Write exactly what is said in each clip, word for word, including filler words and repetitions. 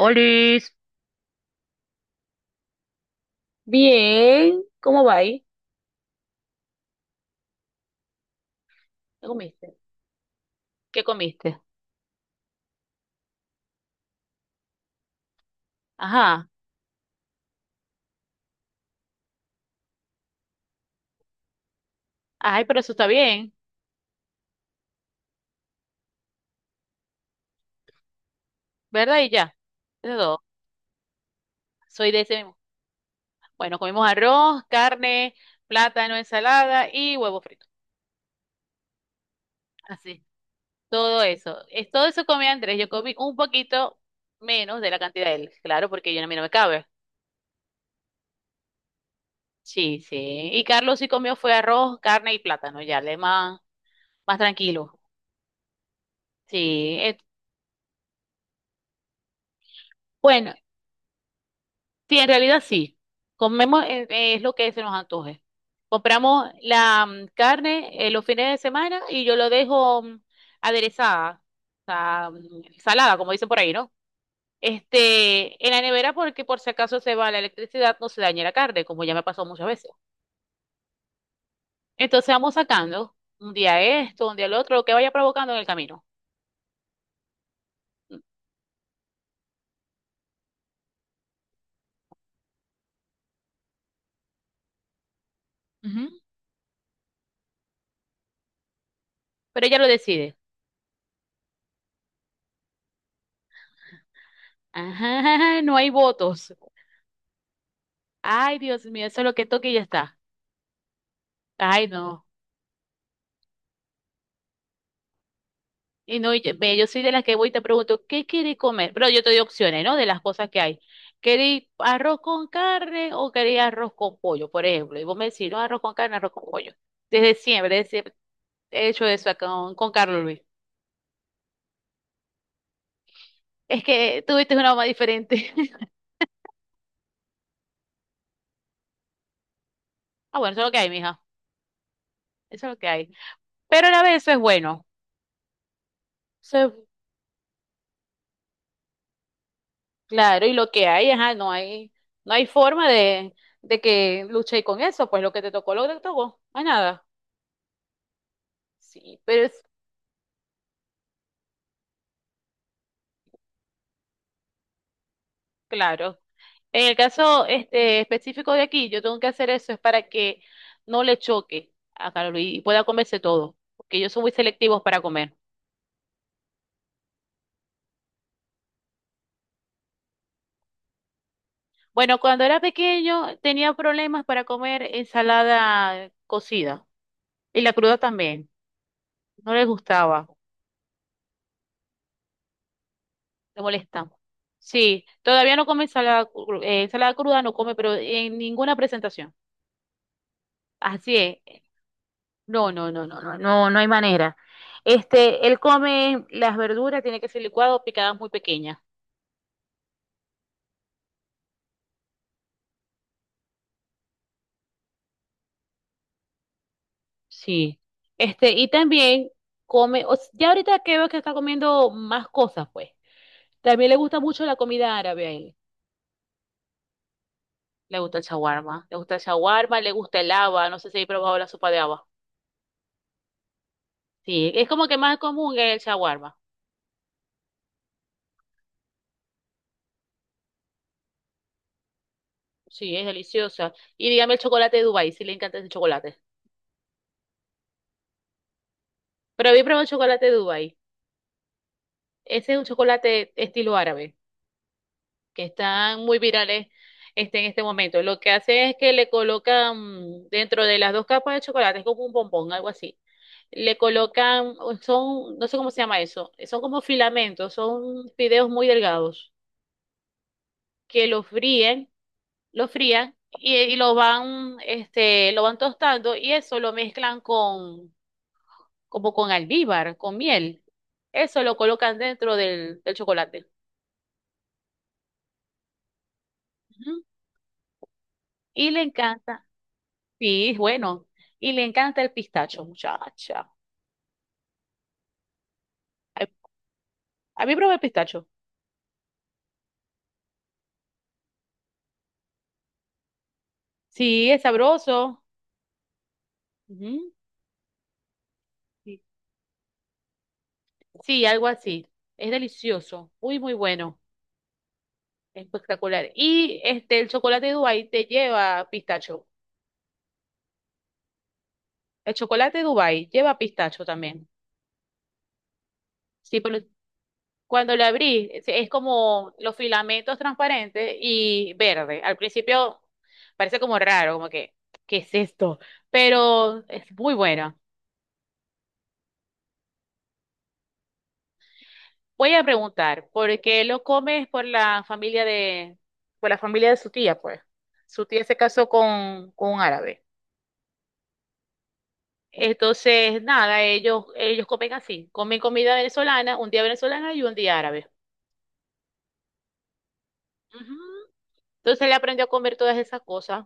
Olis, bien, ¿cómo va ahí? ¿Qué comiste? ¿Qué comiste? Ajá. Ay, pero eso está bien, ¿verdad? Y ya. Eso es todo. Soy de ese mismo. Bueno, comimos arroz, carne, plátano, ensalada y huevo frito. Así. Todo eso. Es, todo eso comía Andrés. Yo comí un poquito menos de la cantidad de él, claro, porque yo a mí no me cabe. Sí, sí. Y Carlos sí comió fue arroz, carne y plátano, ya, le más, más tranquilo. Sí. Es- bueno, sí, en realidad sí. Comemos eh, eh, es lo que se nos antoje. Compramos la mm, carne eh, los fines de semana y yo lo dejo mm, aderezada, o sea, mm, salada, como dicen por ahí, ¿no? Este, en la nevera porque por si acaso se va la electricidad, no se dañe la carne, como ya me pasó muchas veces. Entonces vamos sacando un día esto, un día lo otro, lo que vaya provocando en el camino. Ujú. Pero ella lo decide. Ajá, no hay votos. Ay, Dios mío, eso es lo que toque y ya está. Ay, no. Y no, y yo, ve, yo soy de las que voy y te pregunto, ¿qué queréis comer? Pero yo te doy opciones, ¿no? De las cosas que hay. ¿Queréis arroz con carne o queréis arroz con pollo, por ejemplo? Y vos me decís, no, arroz con carne, arroz con pollo. Desde siempre, desde siempre he hecho eso acá con, con Carlos Luis. Es que tuviste una mamá diferente. Ah, bueno, eso es lo que hay, mija. Eso es lo que hay. Pero a la vez eso es bueno. Eso es- claro, y lo que hay, ajá, no hay, no hay forma de, de que luchéis con eso, pues lo que te tocó, lo que te tocó. No hay nada. Sí, pero es claro. En el caso este, específico de aquí, yo tengo que hacer eso, es para que no le choque a Carlos y pueda comerse todo, porque ellos son muy selectivos para comer. Bueno, cuando era pequeño tenía problemas para comer ensalada cocida y la cruda también, no les gustaba, le molesta. Sí, todavía no come ensalada, cru- eh, ensalada cruda, no come, pero en ninguna presentación. Así es. No, no, no, no, no, no, no hay manera. Este, él come las verduras, tiene que ser licuado, picadas muy pequeñas. Sí. Este, y también come, o s- ya ahorita que veo que está comiendo más cosas, pues. También le gusta mucho la comida árabe a él. Le gusta el shawarma, le gusta el shawarma, le gusta el haba, no sé si he probado la sopa de haba. Sí, es como que más común el shawarma. Sí, es deliciosa. Y dígame el chocolate de Dubái, si le encanta ese chocolate. Pero había probado el chocolate de Dubái. Ese es un chocolate estilo árabe, que están muy virales este, en este momento. Lo que hace es que le colocan dentro de las dos capas de chocolate, es como un bombón, algo así. Le colocan, son, no sé cómo se llama eso, son como filamentos, son fideos muy delgados que los fríen, los frían y, y lo van, este, lo van tostando y eso lo mezclan con, como con almíbar, con miel. Eso lo colocan dentro del, del chocolate. Ujú. Y le encanta. Sí, es bueno. Y le encanta el pistacho, muchacha. Ay, a mí probé el pistacho. Sí, es sabroso. Ujú. Sí, sí, algo así. Es delicioso. Muy, muy bueno. Espectacular. Y este, el chocolate Dubai te lleva pistacho. El chocolate Dubai lleva pistacho también. Sí, pero cuando lo abrí, es es como los filamentos transparentes y verde. Al principio parece como raro, como que, ¿qué es esto? Pero es muy buena. Voy a preguntar, ¿por qué lo comes por la familia de, por la familia de su tía, pues? Su tía se casó con, con un árabe. Entonces, nada, ellos, ellos comen así, comen comida venezolana, un día venezolana y un día árabe. Ujú. Entonces le aprendió a comer todas esas cosas.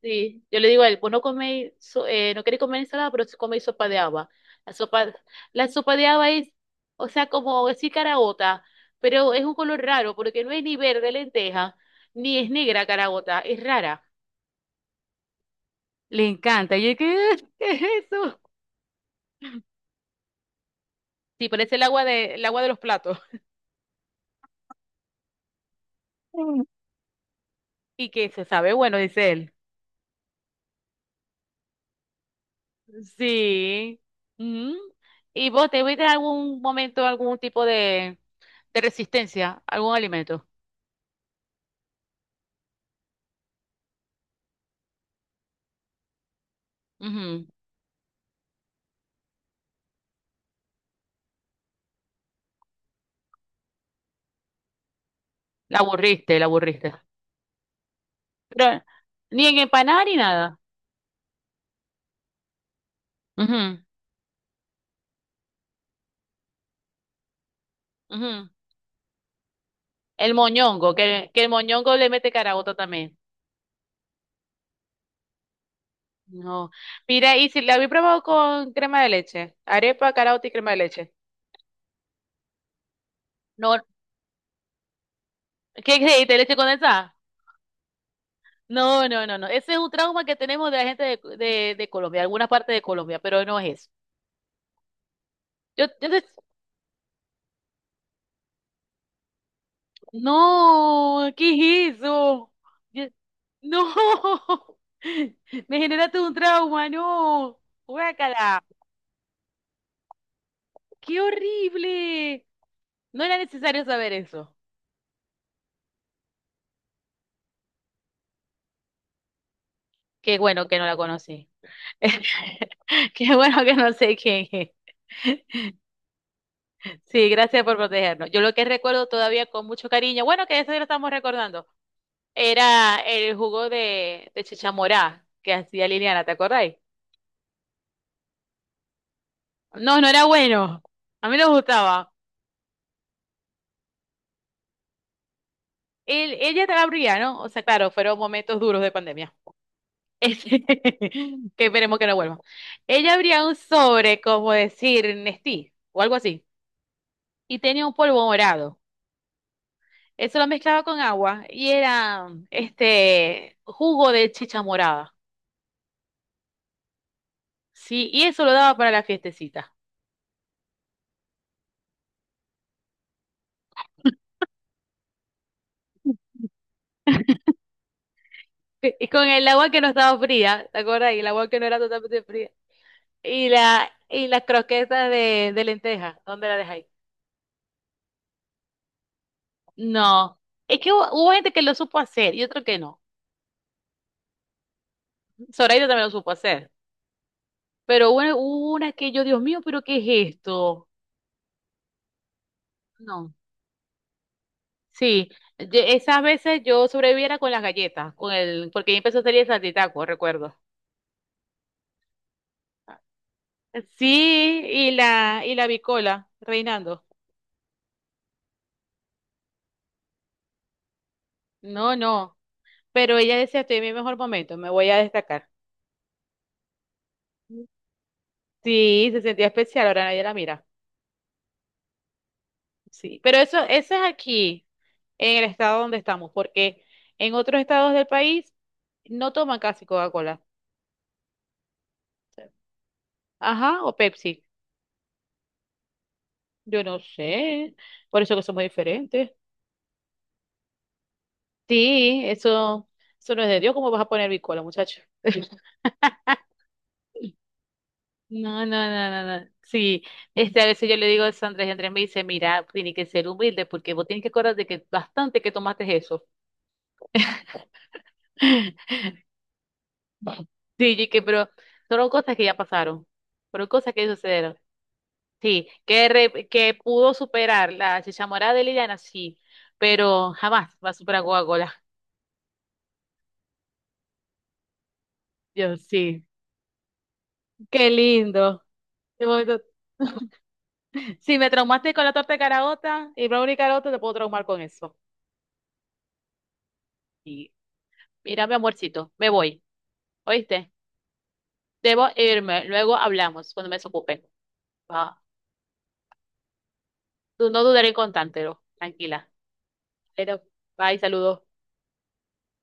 Sí, yo le digo a él, pues no coméis, so- eh, no queréis comer ensalada, pero sí coméis sopa de haba. La sopa, la sopa de haba es, o sea, como decir caraota, pero es un color raro, porque no es ni verde lenteja, ni es negra caraota, es rara. Le encanta. Y yo, ¿qué, qué es eso? Sí, parece el agua de, el agua de los platos. Mm. Y que se sabe, bueno, dice él. Sí. Ujú. ¿Y vos te viste algún momento algún tipo de, de resistencia, algún alimento? Ujú. La aburriste, la aburriste. Pero ni en empanada ni nada. Ujú, ujú. El moñongo, que, que el moñongo le mete caraota también. No. Mira, y si la había probado con crema de leche, arepa, caraota y crema de leche. No, ¿qué creíste? ¿Leche condensada? No, no, no, no. Ese es un trauma que tenemos de la gente de, de, de Colombia, algunas partes de Colombia, pero no es eso. Yo, yo No, ¿qué es eso? Ya- No, me generaste un trauma, no. Guácala, qué horrible. No era necesario saber eso. Qué bueno que no la conocí. Qué bueno que no sé quién es. Sí, gracias por protegernos. Yo lo que recuerdo todavía con mucho cariño, bueno, que eso ya lo estamos recordando, era el jugo de, de chicha morada que hacía Liliana, ¿te acordáis? No, no era bueno. A mí no me gustaba. Él- ella te abría, ¿no? O sea, claro, fueron momentos duros de pandemia. Este, que esperemos que no vuelva. Ella abría un sobre, como decir, Nestí o algo así, y tenía un polvo morado. Eso lo mezclaba con agua y era este jugo de chicha morada. Sí, y eso lo daba para la fiestecita. Que- Y con el agua que no estaba fría, ¿te acuerdas? Y el agua que no era totalmente fría. Y la y las croquetas de, de lenteja, ¿dónde la dejáis? No, es que hubo, hubo gente que lo supo hacer y otro que no. Zoraida también lo supo hacer, pero bueno, hubo una que yo, Dios mío, pero ¿qué es esto? No, sí, yo- esas veces yo sobreviviera con las galletas, con el, porque ahí empezó a salir el saltitaco, recuerdo. Sí, y la, y la bicola, reinando. No, no, pero ella decía, estoy en mi mejor momento, me voy a destacar. Sí, se sentía especial, ahora nadie la mira. Sí, pero eso, eso es aquí, en el estado donde estamos, porque en otros estados del país no toman casi Coca-Cola. Sí. Ajá, o Pepsi. Yo no sé, por eso que somos diferentes. Sí, eso, eso no es de Dios. ¿Cómo vas a poner bicola, muchacho? No, no, no, no, no. Sí, este, a veces yo le digo a Sandra y Andrés me dice, mira, tiene que ser humilde porque vos tienes que acordar de que bastante que tomaste eso. Sí, y que, pero fueron cosas que ya pasaron, fueron cosas que sucedieron. Sí, que, re- que pudo superar la chichamorada de Liliana, sí, pero jamás va a superar Coca-Cola. Dios, sí. Qué lindo. De momento- Si me traumaste con la torta de caraota y brownie caraota, te puedo traumar con eso. Y mira, mi amorcito, me voy. ¿Oíste? Debo irme. Luego hablamos cuando me desocupe. Va. Tú no dudaré en contártelo. Tranquila. Pero, bye, saludos.